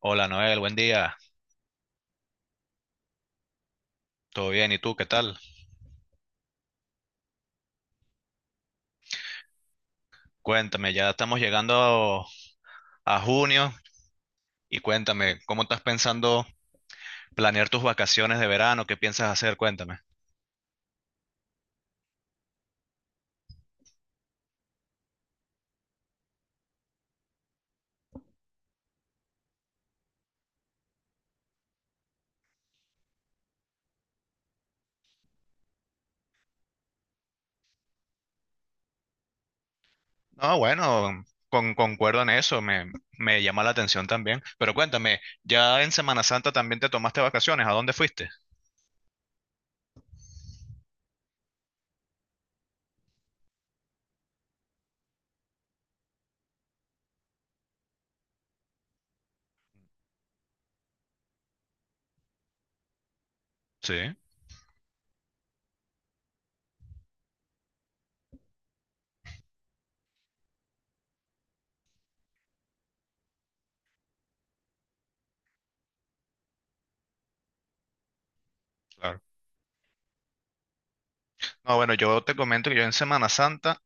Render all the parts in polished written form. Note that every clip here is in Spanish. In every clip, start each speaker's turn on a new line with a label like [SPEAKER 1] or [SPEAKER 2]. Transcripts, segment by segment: [SPEAKER 1] Hola Noel, buen día. ¿Todo bien? ¿Y tú qué tal? Cuéntame, ya estamos llegando a junio y cuéntame, ¿cómo estás pensando planear tus vacaciones de verano? ¿Qué piensas hacer? Cuéntame. No, bueno, concuerdo en eso, me llama la atención también. Pero cuéntame, ¿ya en Semana Santa también te tomaste vacaciones? ¿A dónde fuiste? Sí, claro. No, bueno, yo te comento que yo en Semana Santa.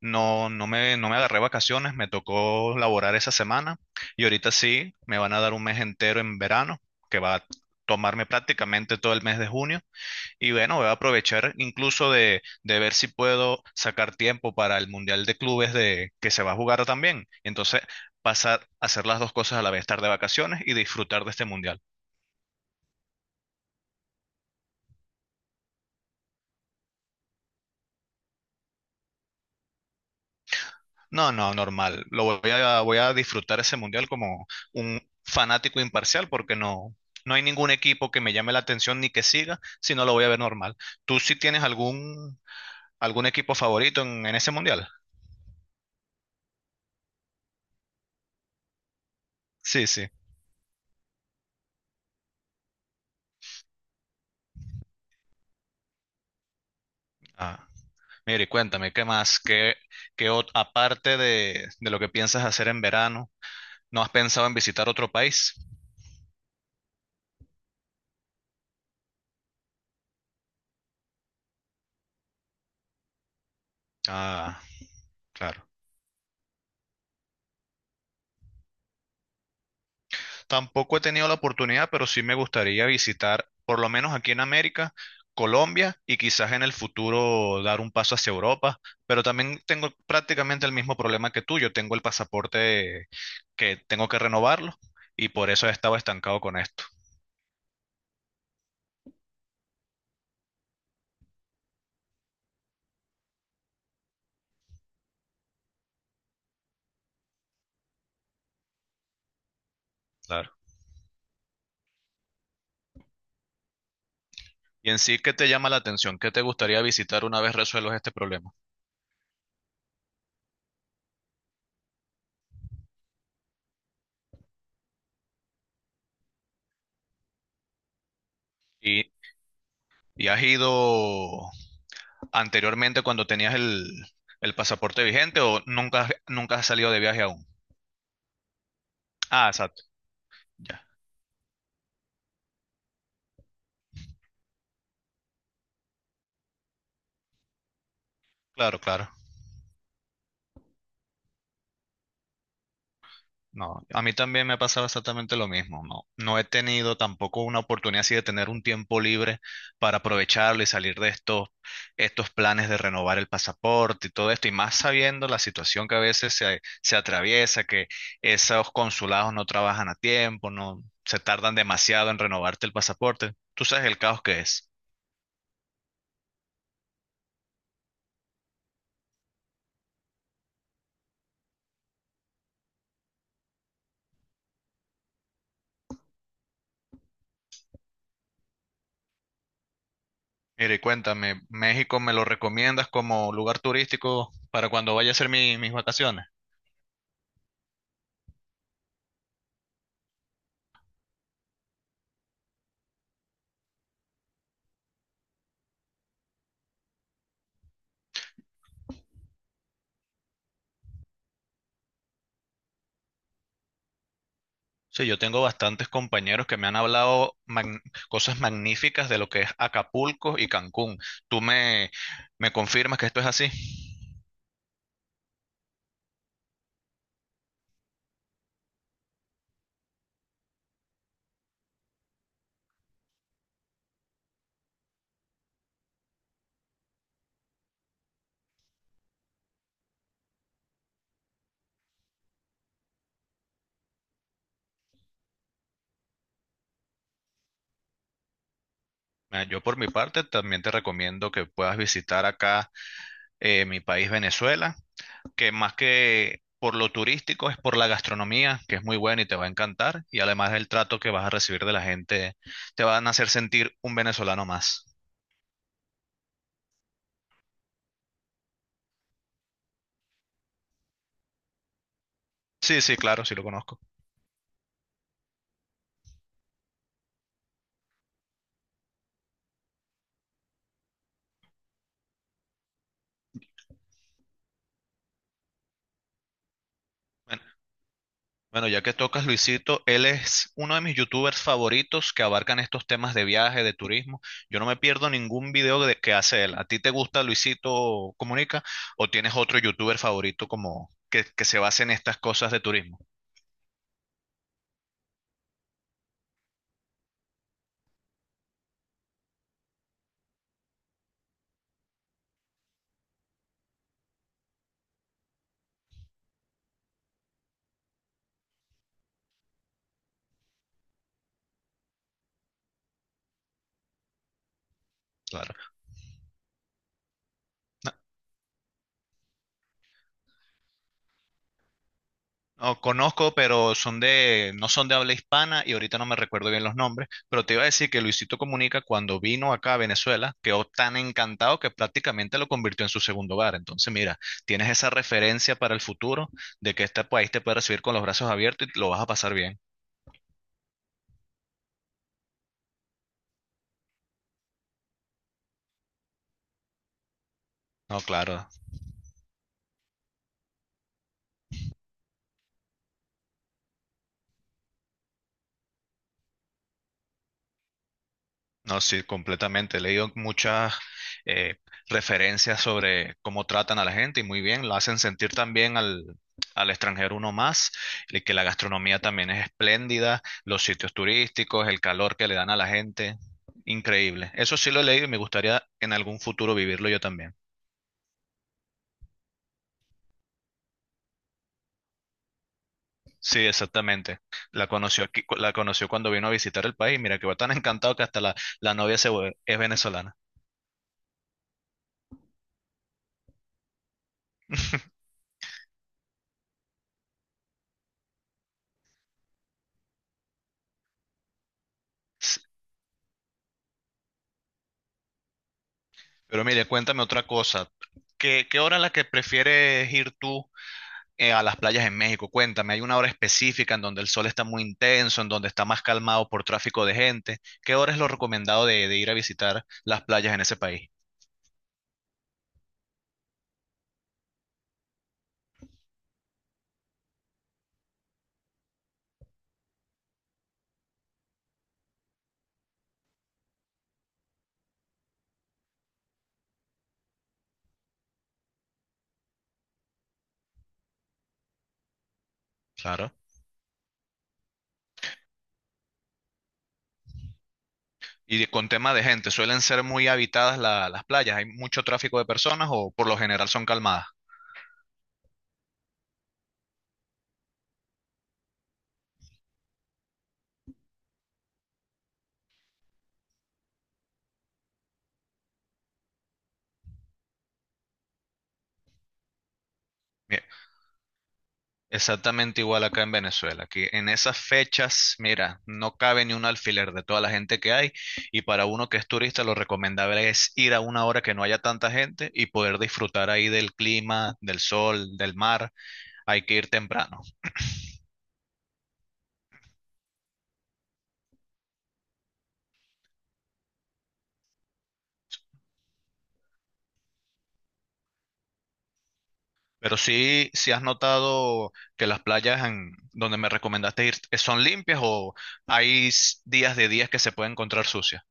[SPEAKER 1] No, no me agarré vacaciones, me tocó laborar esa semana y ahorita sí, me van a dar un mes entero en verano, que va a tomarme prácticamente todo el mes de junio. Y bueno, voy a aprovechar incluso de, ver si puedo sacar tiempo para el Mundial de Clubes que se va a jugar también. Entonces, pasar a hacer las dos cosas a la vez, estar de vacaciones y disfrutar de este Mundial. No, no, normal. Lo voy a disfrutar ese mundial como un fanático imparcial porque no hay ningún equipo que me llame la atención ni que siga, sino lo voy a ver normal. ¿Tú sí tienes algún equipo favorito en ese mundial? Sí, sí. Ah, mire, cuéntame, ¿qué más? Aparte de, lo que piensas hacer en verano, no has pensado en visitar otro país? Ah, claro. Tampoco he tenido la oportunidad, pero sí me gustaría visitar, por lo menos aquí en América, Colombia, y quizás en el futuro dar un paso hacia Europa. Pero también tengo prácticamente el mismo problema que tú. Yo tengo el pasaporte que tengo que renovarlo y por eso he estado estancado con esto. Claro. Y en sí, ¿qué te llama la atención? ¿Qué te gustaría visitar una vez resuelvas este problema? ¿Y, y has ido anteriormente cuando tenías el pasaporte vigente, o nunca, nunca has salido de viaje aún? Ah, exacto. Ya. Claro, claro. No, a mí también me ha pasado exactamente lo mismo. No, no he tenido tampoco una oportunidad así de tener un tiempo libre para aprovecharlo y salir de estos, planes de renovar el pasaporte y todo esto. Y más sabiendo la situación que a veces se atraviesa, que esos consulados no trabajan a tiempo, no se tardan demasiado en renovarte el pasaporte. Tú sabes el caos que es. Mire, cuéntame, ¿México me lo recomiendas como lugar turístico para cuando vaya a hacer mis vacaciones? Sí, yo tengo bastantes compañeros que me han hablado cosas magníficas de lo que es Acapulco y Cancún. ¿Tú me confirmas que esto es así? Ah, yo por mi parte también te recomiendo que puedas visitar acá mi país, Venezuela, que más que por lo turístico es por la gastronomía, que es muy buena y te va a encantar, y además el trato que vas a recibir de la gente, te van a hacer sentir un venezolano más. Sí, sí, claro, sí lo conozco. Bueno, Bueno, ya que tocas Luisito, él es uno de mis youtubers favoritos que abarcan estos temas de viaje, de turismo. Yo no me pierdo ningún video que hace él. ¿A ti te gusta Luisito Comunica o tienes otro youtuber favorito como que, se base en estas cosas de turismo? Claro. No, conozco, pero son no son de habla hispana y ahorita no me recuerdo bien los nombres, pero te iba a decir que Luisito Comunica cuando vino acá a Venezuela quedó tan encantado que prácticamente lo convirtió en su segundo hogar. Entonces, mira, tienes esa referencia para el futuro de que este país te puede recibir con los brazos abiertos y lo vas a pasar bien. No, claro. No, sí, completamente. He leído muchas eh, referencias sobre cómo tratan a la gente, y muy bien, lo hacen sentir también al extranjero uno más, y que la gastronomía también es espléndida, los sitios turísticos, el calor que le dan a la gente, increíble. Eso sí lo he leído y me gustaría en algún futuro vivirlo yo también. Sí, exactamente. La conoció aquí, la conoció cuando vino a visitar el país. Mira que va tan encantado que hasta la novia es venezolana. Pero mire, cuéntame otra cosa. ¿Qué hora es la que prefieres ir tú a las playas en México? Cuéntame, ¿hay una hora específica en donde el sol está muy intenso, en donde está más calmado por tráfico de gente? ¿Qué hora es lo recomendado de, ir a visitar las playas en ese país? Claro. Y con tema de gente, ¿suelen ser muy habitadas las playas? ¿Hay mucho tráfico de personas o por lo general son calmadas? Exactamente igual acá en Venezuela, que en esas fechas, mira, no cabe ni un alfiler de toda la gente que hay, y para uno que es turista lo recomendable es ir a una hora que no haya tanta gente y poder disfrutar ahí del clima, del sol, del mar. Hay que ir temprano. Pero sí, si has notado que las playas en donde me recomendaste ir son limpias o hay días de días que se puede encontrar sucias.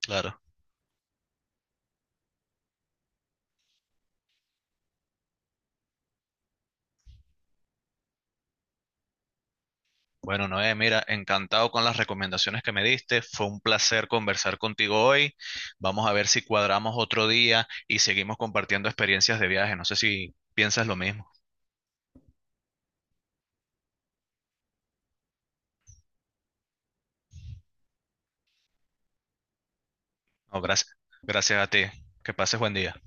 [SPEAKER 1] Claro. Bueno, Noé, mira, encantado con las recomendaciones que me diste. Fue un placer conversar contigo hoy. Vamos a ver si cuadramos otro día y seguimos compartiendo experiencias de viaje. No sé si piensas lo mismo. No, gracias. Gracias a ti. Que pases buen día.